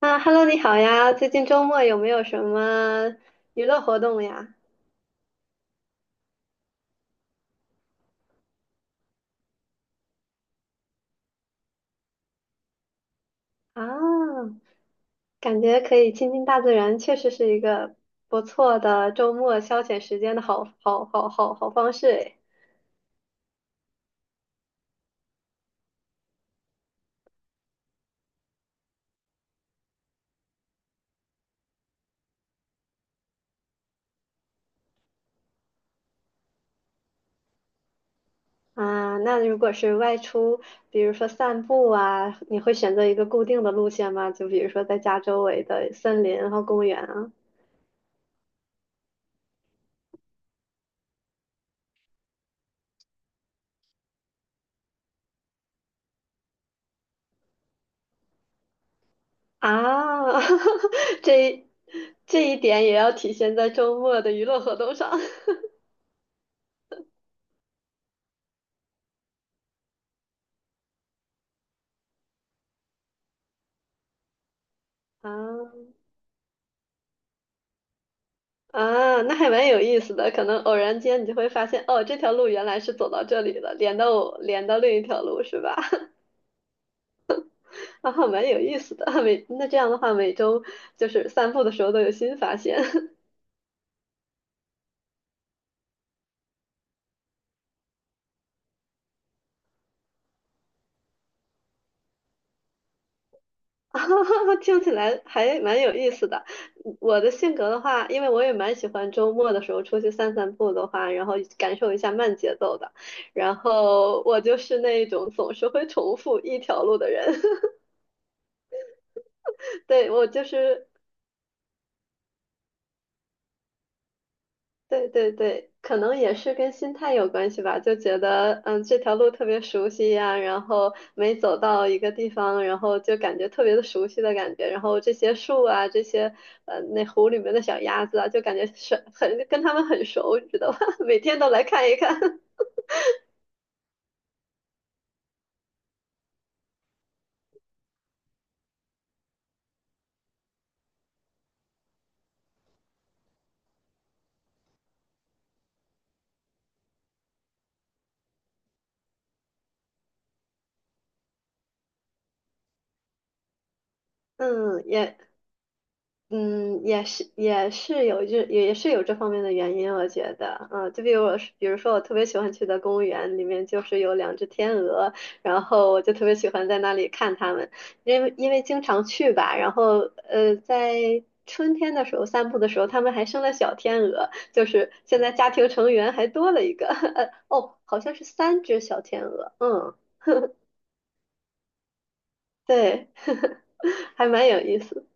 啊，Hello，你好呀！最近周末有没有什么娱乐活动呀？啊，感觉可以亲近大自然，确实是一个不错的周末消遣时间的好方式诶。啊，那如果是外出，比如说散步啊，你会选择一个固定的路线吗？就比如说在家周围的森林和公园啊？啊，这一这一点也要体现在周末的娱乐活动上 啊。啊，那还蛮有意思的。可能偶然间你就会发现，哦，这条路原来是走到这里了，连到另一条路，是吧？然后蛮有意思的。这样的话，每周就是散步的时候都有新发现，啊，听起来还蛮有意思的。我的性格的话，因为我也蛮喜欢周末的时候出去散散步的话，然后感受一下慢节奏的。然后我就是那种总是会重复一条路的人。对，我就是对对对，可能也是跟心态有关系吧，就觉得这条路特别熟悉呀，然后每走到一个地方，然后就感觉特别的熟悉的感觉，然后这些树啊，那湖里面的小鸭子啊，就感觉是很跟它们很熟，你知道吧？每天都来看一看，嗯，也也是有这方面的原因，我觉得，就比如我是，比如说我特别喜欢去的公园里面就是有两只天鹅，然后我就特别喜欢在那里看它们，因为经常去吧，然后在春天的时候散步的时候，它们还生了小天鹅，就是现在家庭成员还多了一个，哦，好像是三只小天鹅，嗯，对，还蛮有意思的。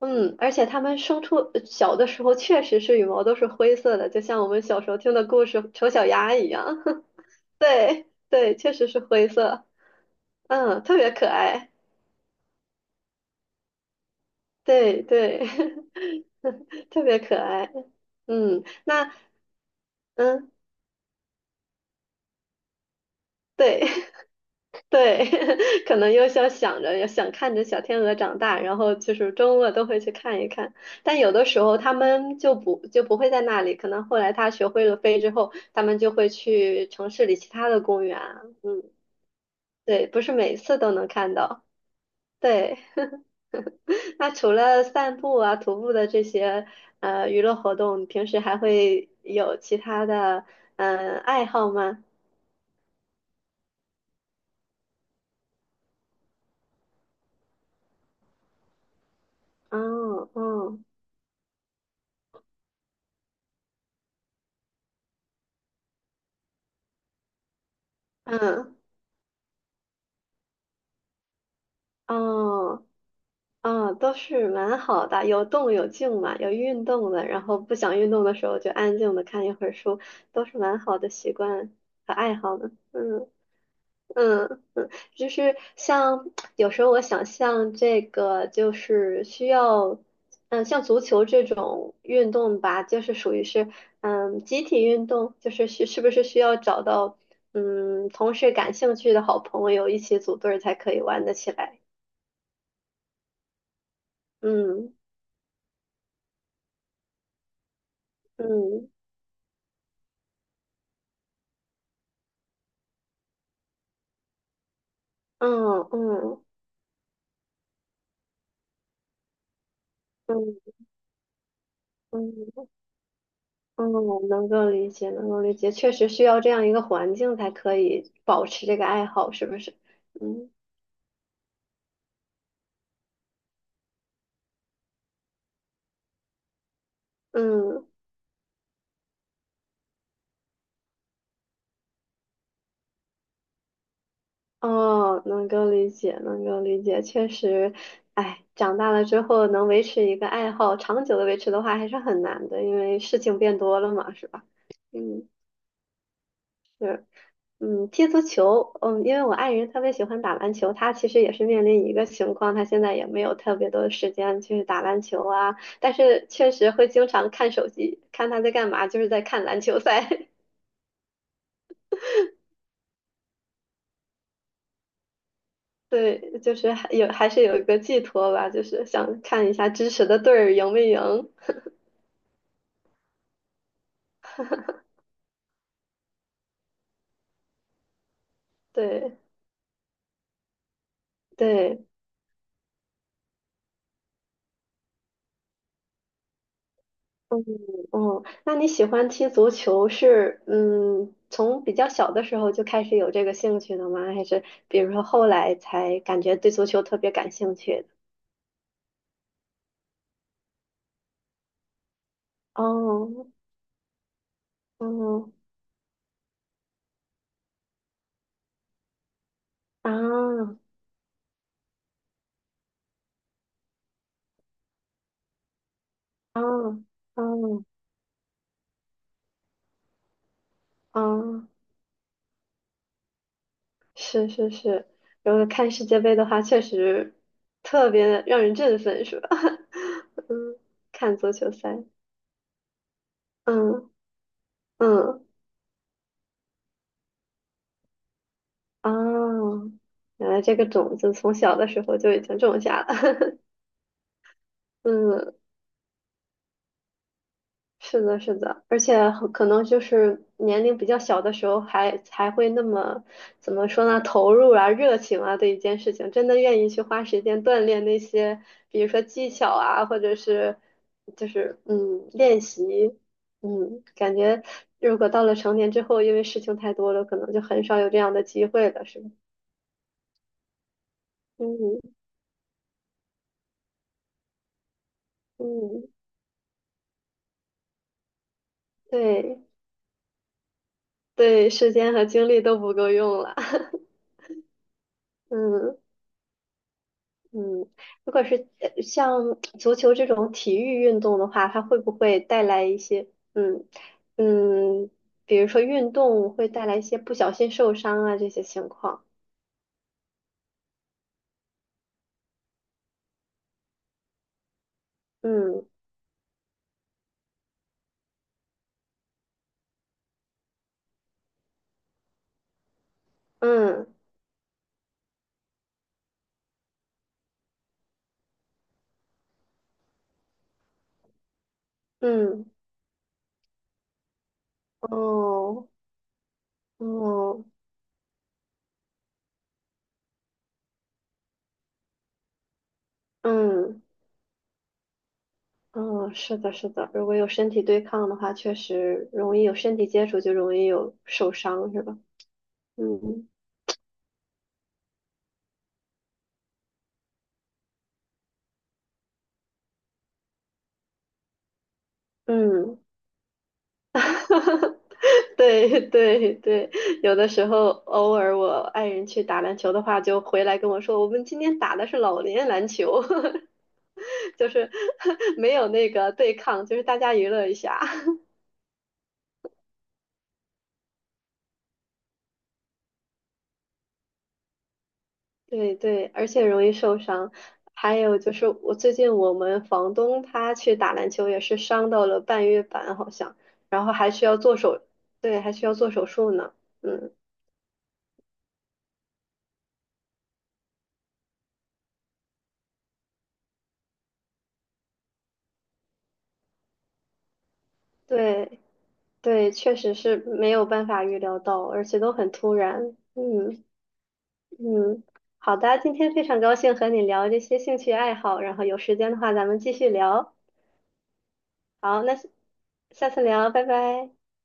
嗯，而且它们生出小的时候确实是羽毛都是灰色的，就像我们小时候听的故事丑小鸭一样。对对，确实是灰色，嗯，特别可爱，对对，特别可爱。嗯，嗯，对，对，可能又想着，也想看着小天鹅长大，然后就是周末都会去看一看。但有的时候他们就不会在那里，可能后来他学会了飞之后，他们就会去城市里其他的公园啊嗯，对，不是每次都能看到。对，那除了散步啊、徒步的这些娱乐活动，你平时还会有其他的爱好吗？哦，哦，嗯，哦。嗯，都是蛮好的，有动有静嘛，有运动的，然后不想运动的时候就安静的看一会儿书，都是蛮好的习惯和爱好呢。嗯嗯嗯，就是像有时候我想像这个，就是需要，嗯，像足球这种运动吧，就是属于是，嗯，集体运动，就是是不是需要找到，嗯，同事感兴趣的好朋友一起组队儿才可以玩得起来。嗯嗯。嗯嗯嗯嗯嗯，能够理解，能够理解，确实需要这样一个环境才可以保持这个爱好，是不是？嗯嗯，哦，能够理解，能够理解，确实，哎，长大了之后能维持一个爱好，长久的维持的话还是很难的，因为事情变多了嘛，是吧？嗯，是，嗯，踢足球，嗯，因为我爱人特别喜欢打篮球，他其实也是面临一个情况，他现在也没有特别多的时间去打篮球啊，但是确实会经常看手机，看他在干嘛，就是在看篮球赛，对，就是还是有一个寄托吧，就是想看一下支持的队儿赢没赢，对对，嗯嗯，那你喜欢踢足球从比较小的时候就开始有这个兴趣的吗？还是比如说后来才感觉对足球特别感兴趣的？哦，嗯啊啊啊啊，是是是，如果看世界杯的话，确实特别让人振奋，是吧？嗯，看足球赛，嗯嗯啊，原来这个种子从小的时候就已经种下了。嗯，是的，是的，而且很可能就是年龄比较小的时候还才会那么怎么说呢，投入啊、热情啊对一件事情，真的愿意去花时间锻炼那些，比如说技巧啊，或者是就是练习，嗯，感觉如果到了成年之后，因为事情太多了，可能就很少有这样的机会了，是吧？嗯嗯，对对，时间和精力都不够用了，嗯。嗯，如果是像足球这种体育运动的话，它会不会带来一些嗯嗯，比如说运动会带来一些不小心受伤啊这些情况？嗯嗯嗯，哦哦嗯嗯，是的，是的，如果有身体对抗的话，确实容易有身体接触，就容易有受伤，是吧？嗯嗯。哈哈。对对对，有的时候偶尔我爱人去打篮球的话，就回来跟我说，我们今天打的是老年篮球，就是 没有那个对抗，就是大家娱乐一下。对对，而且容易受伤。还有就是，我最近我们房东他去打篮球也是伤到了半月板，好像，然后还需要对，还需要做手术呢。嗯，对对，确实是没有办法预料到，而且都很突然。嗯。嗯，好的，今天非常高兴和你聊这些兴趣爱好，然后有时间的话咱们继续聊。好，下次聊，拜拜。